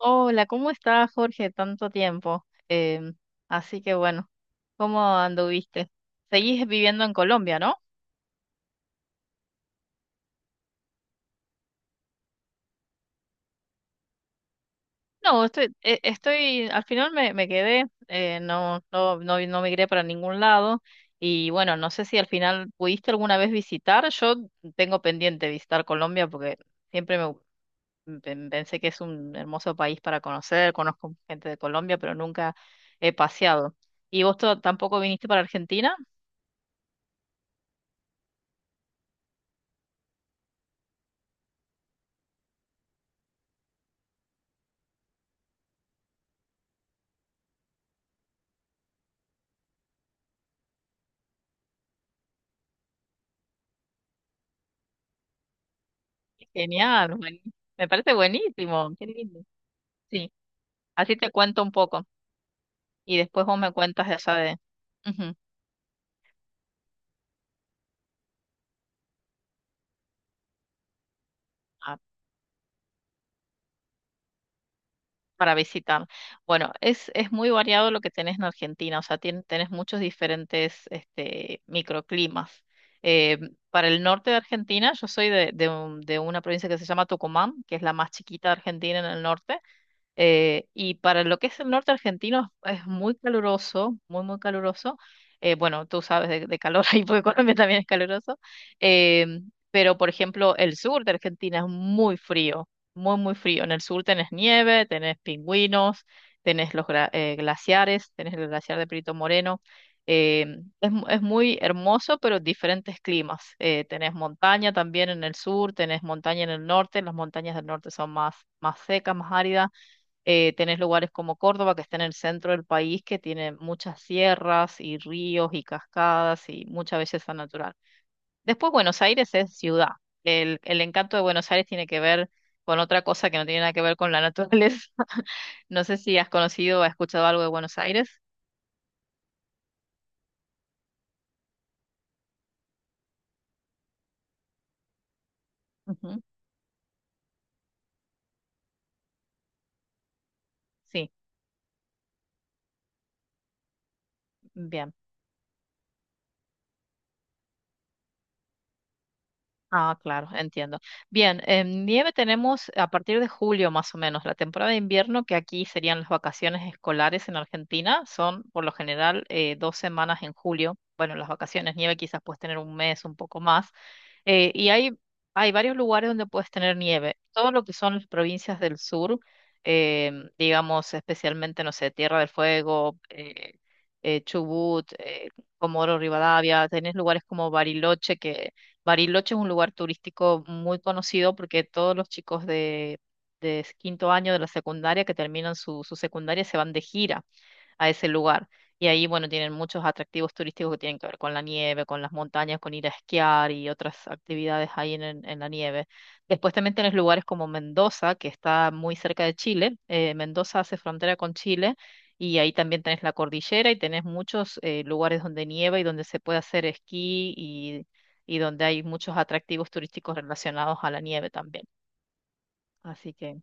Hola, ¿cómo estás, Jorge? Tanto tiempo. Así que bueno, ¿cómo anduviste? Seguís viviendo en Colombia, ¿no? No, estoy, al final me quedé, no, no migré para ningún lado. Y bueno, no sé si al final pudiste alguna vez visitar. Yo tengo pendiente visitar Colombia porque siempre pensé que es un hermoso país para conocer. Conozco gente de Colombia, pero nunca he paseado. ¿Y vos tampoco viniste para Argentina? Genial, me parece buenísimo, qué lindo. Sí, así te cuento un poco y después vos me cuentas de esa de ujú, ah, para visitar. Bueno, es muy variado lo que tenés en Argentina, o sea, tenés muchos diferentes este, microclimas. Eh, para el norte de Argentina, yo soy de de una provincia que se llama Tucumán, que es la más chiquita de Argentina en el norte. Y para lo que es el norte argentino es muy caluroso, muy, muy caluroso. Bueno, tú sabes de calor ahí, porque Colombia también es caluroso. Eh, pero, por ejemplo, el sur de Argentina es muy frío, muy, muy frío. En el sur tenés nieve, tenés pingüinos, tenés los glaciares, tenés el glaciar de Perito Moreno. Eh, es, es muy hermoso, pero diferentes climas. Tenés montaña también en el sur, tenés montaña en el norte. Las montañas del norte son más, más secas, más áridas. Tenés lugares como Córdoba, que está en el centro del país, que tiene muchas sierras y ríos y cascadas y mucha belleza natural. Después, Buenos Aires es ciudad. El encanto de Buenos Aires tiene que ver con otra cosa que no tiene nada que ver con la naturaleza. No sé si has conocido o has escuchado algo de Buenos Aires. Ujú, sí, bien. Ah, claro, entiendo. Bien, en nieve tenemos a partir de julio más o menos, la temporada de invierno, que aquí serían las vacaciones escolares en Argentina, son por lo general dos semanas en julio. Bueno, las vacaciones nieve quizás puedes tener un mes, un poco más. Eh, y hay, hay varios lugares donde puedes tener nieve. Todo lo que son las provincias del sur, digamos especialmente, no sé, Tierra del Fuego, Chubut, Comodoro Rivadavia, tenés lugares como Bariloche que Bariloche es un lugar turístico muy conocido porque todos los chicos de quinto año de la secundaria que terminan su secundaria se van de gira a ese lugar. Y ahí, bueno, tienen muchos atractivos turísticos que tienen que ver con la nieve, con las montañas, con ir a esquiar y otras actividades ahí en la nieve. Después también tienes lugares como Mendoza, que está muy cerca de Chile. Mendoza hace frontera con Chile y ahí también tenés la cordillera y tenés muchos lugares donde nieva y donde se puede hacer esquí y donde hay muchos atractivos turísticos relacionados a la nieve también. Así que...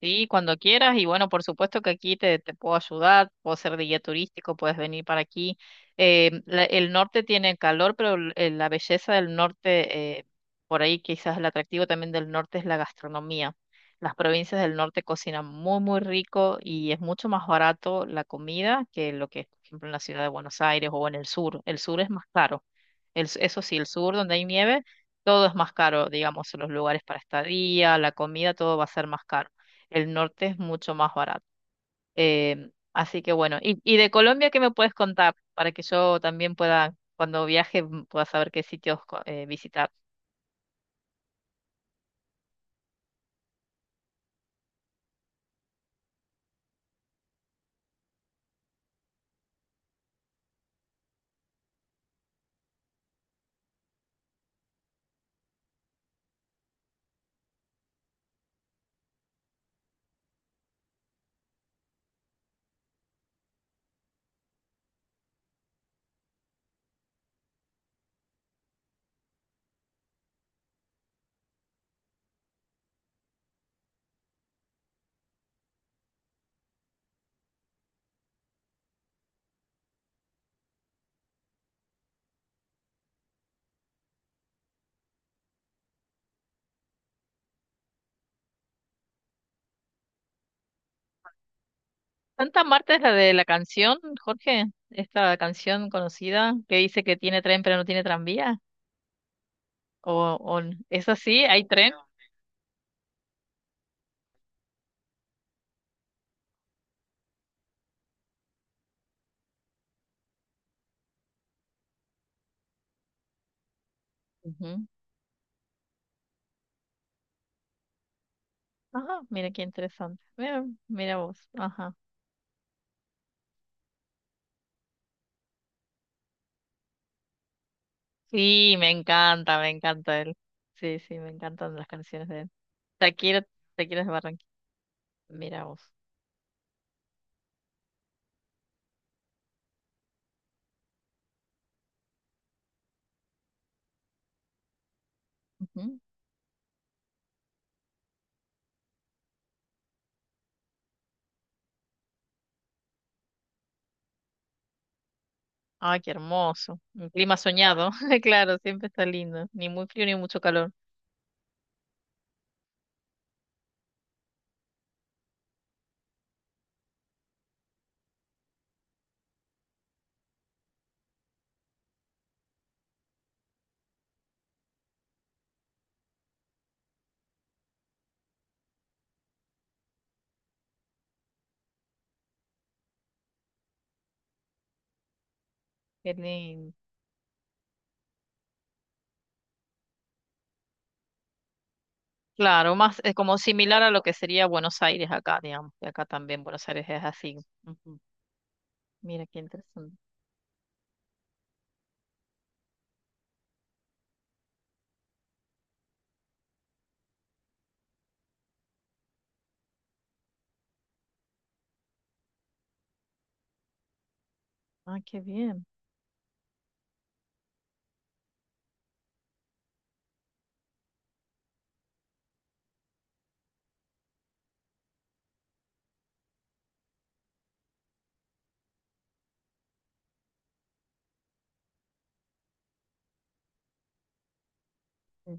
Sí, cuando quieras. Y bueno, por supuesto que aquí te puedo ayudar, puedo ser de guía turístico, puedes venir para aquí. El norte tiene calor, pero la belleza del norte, por ahí quizás el atractivo también del norte es la gastronomía. Las provincias del norte cocinan muy, muy rico y es mucho más barato la comida que lo que es, por ejemplo, en la ciudad de Buenos Aires o en el sur. El sur es más caro. Eso sí, el sur donde hay nieve, todo es más caro, digamos, los lugares para estadía, la comida, todo va a ser más caro. El norte es mucho más barato. Así que bueno, y de Colombia, ¿qué me puedes contar para que yo también pueda, cuando viaje, pueda saber qué sitios visitar? Santa Marta es la de la canción, Jorge, esta canción conocida que dice que tiene tren pero no tiene tranvía. ¿O, es así? ¿Hay tren? Ujú. Ajá, mira qué interesante. Mira, mira vos. Ajá. Sí, me encanta él. Sí, sí, me encantan las canciones de él. Shakira, Shakira es de Barranquilla. Mira vos. Ujú. Ay, qué hermoso. Un clima soñado. Claro, siempre está lindo. Ni muy frío ni mucho calor. Qué lindo. Claro, más es como similar a lo que sería Buenos Aires acá, digamos. Que acá también Buenos Aires es así. Ujú. Mira qué interesante. Ah, qué bien. Sí.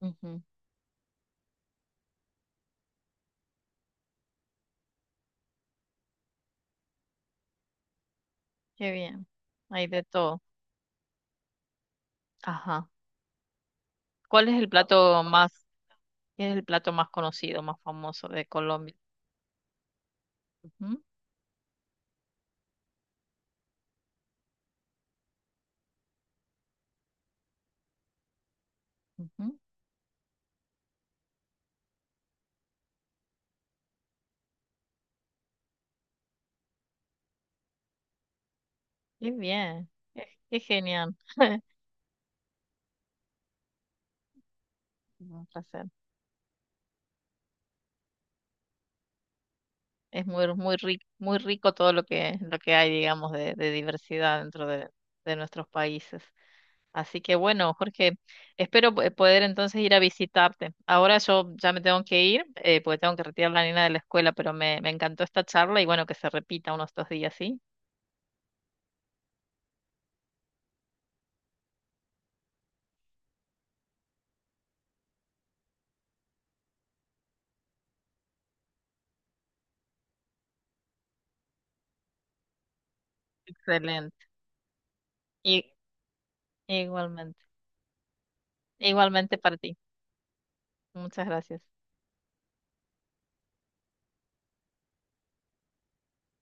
Ujú, qué bien. Hay de todo. Ajá. ¿Cuál es el plato más, qué es el plato más conocido, más famoso de Colombia? Ujú, ujú. Qué bien. Qué, qué genial. Un placer. Es muy, muy rico todo lo que hay, digamos, de diversidad dentro de nuestros países. Así que bueno, Jorge, espero poder entonces ir a visitarte. Ahora yo ya me tengo que ir, porque tengo que retirar a la nena de la escuela, pero me encantó esta charla y bueno, que se repita unos dos días, ¿sí? Excelente. Y, igualmente. Igualmente para ti. Muchas gracias.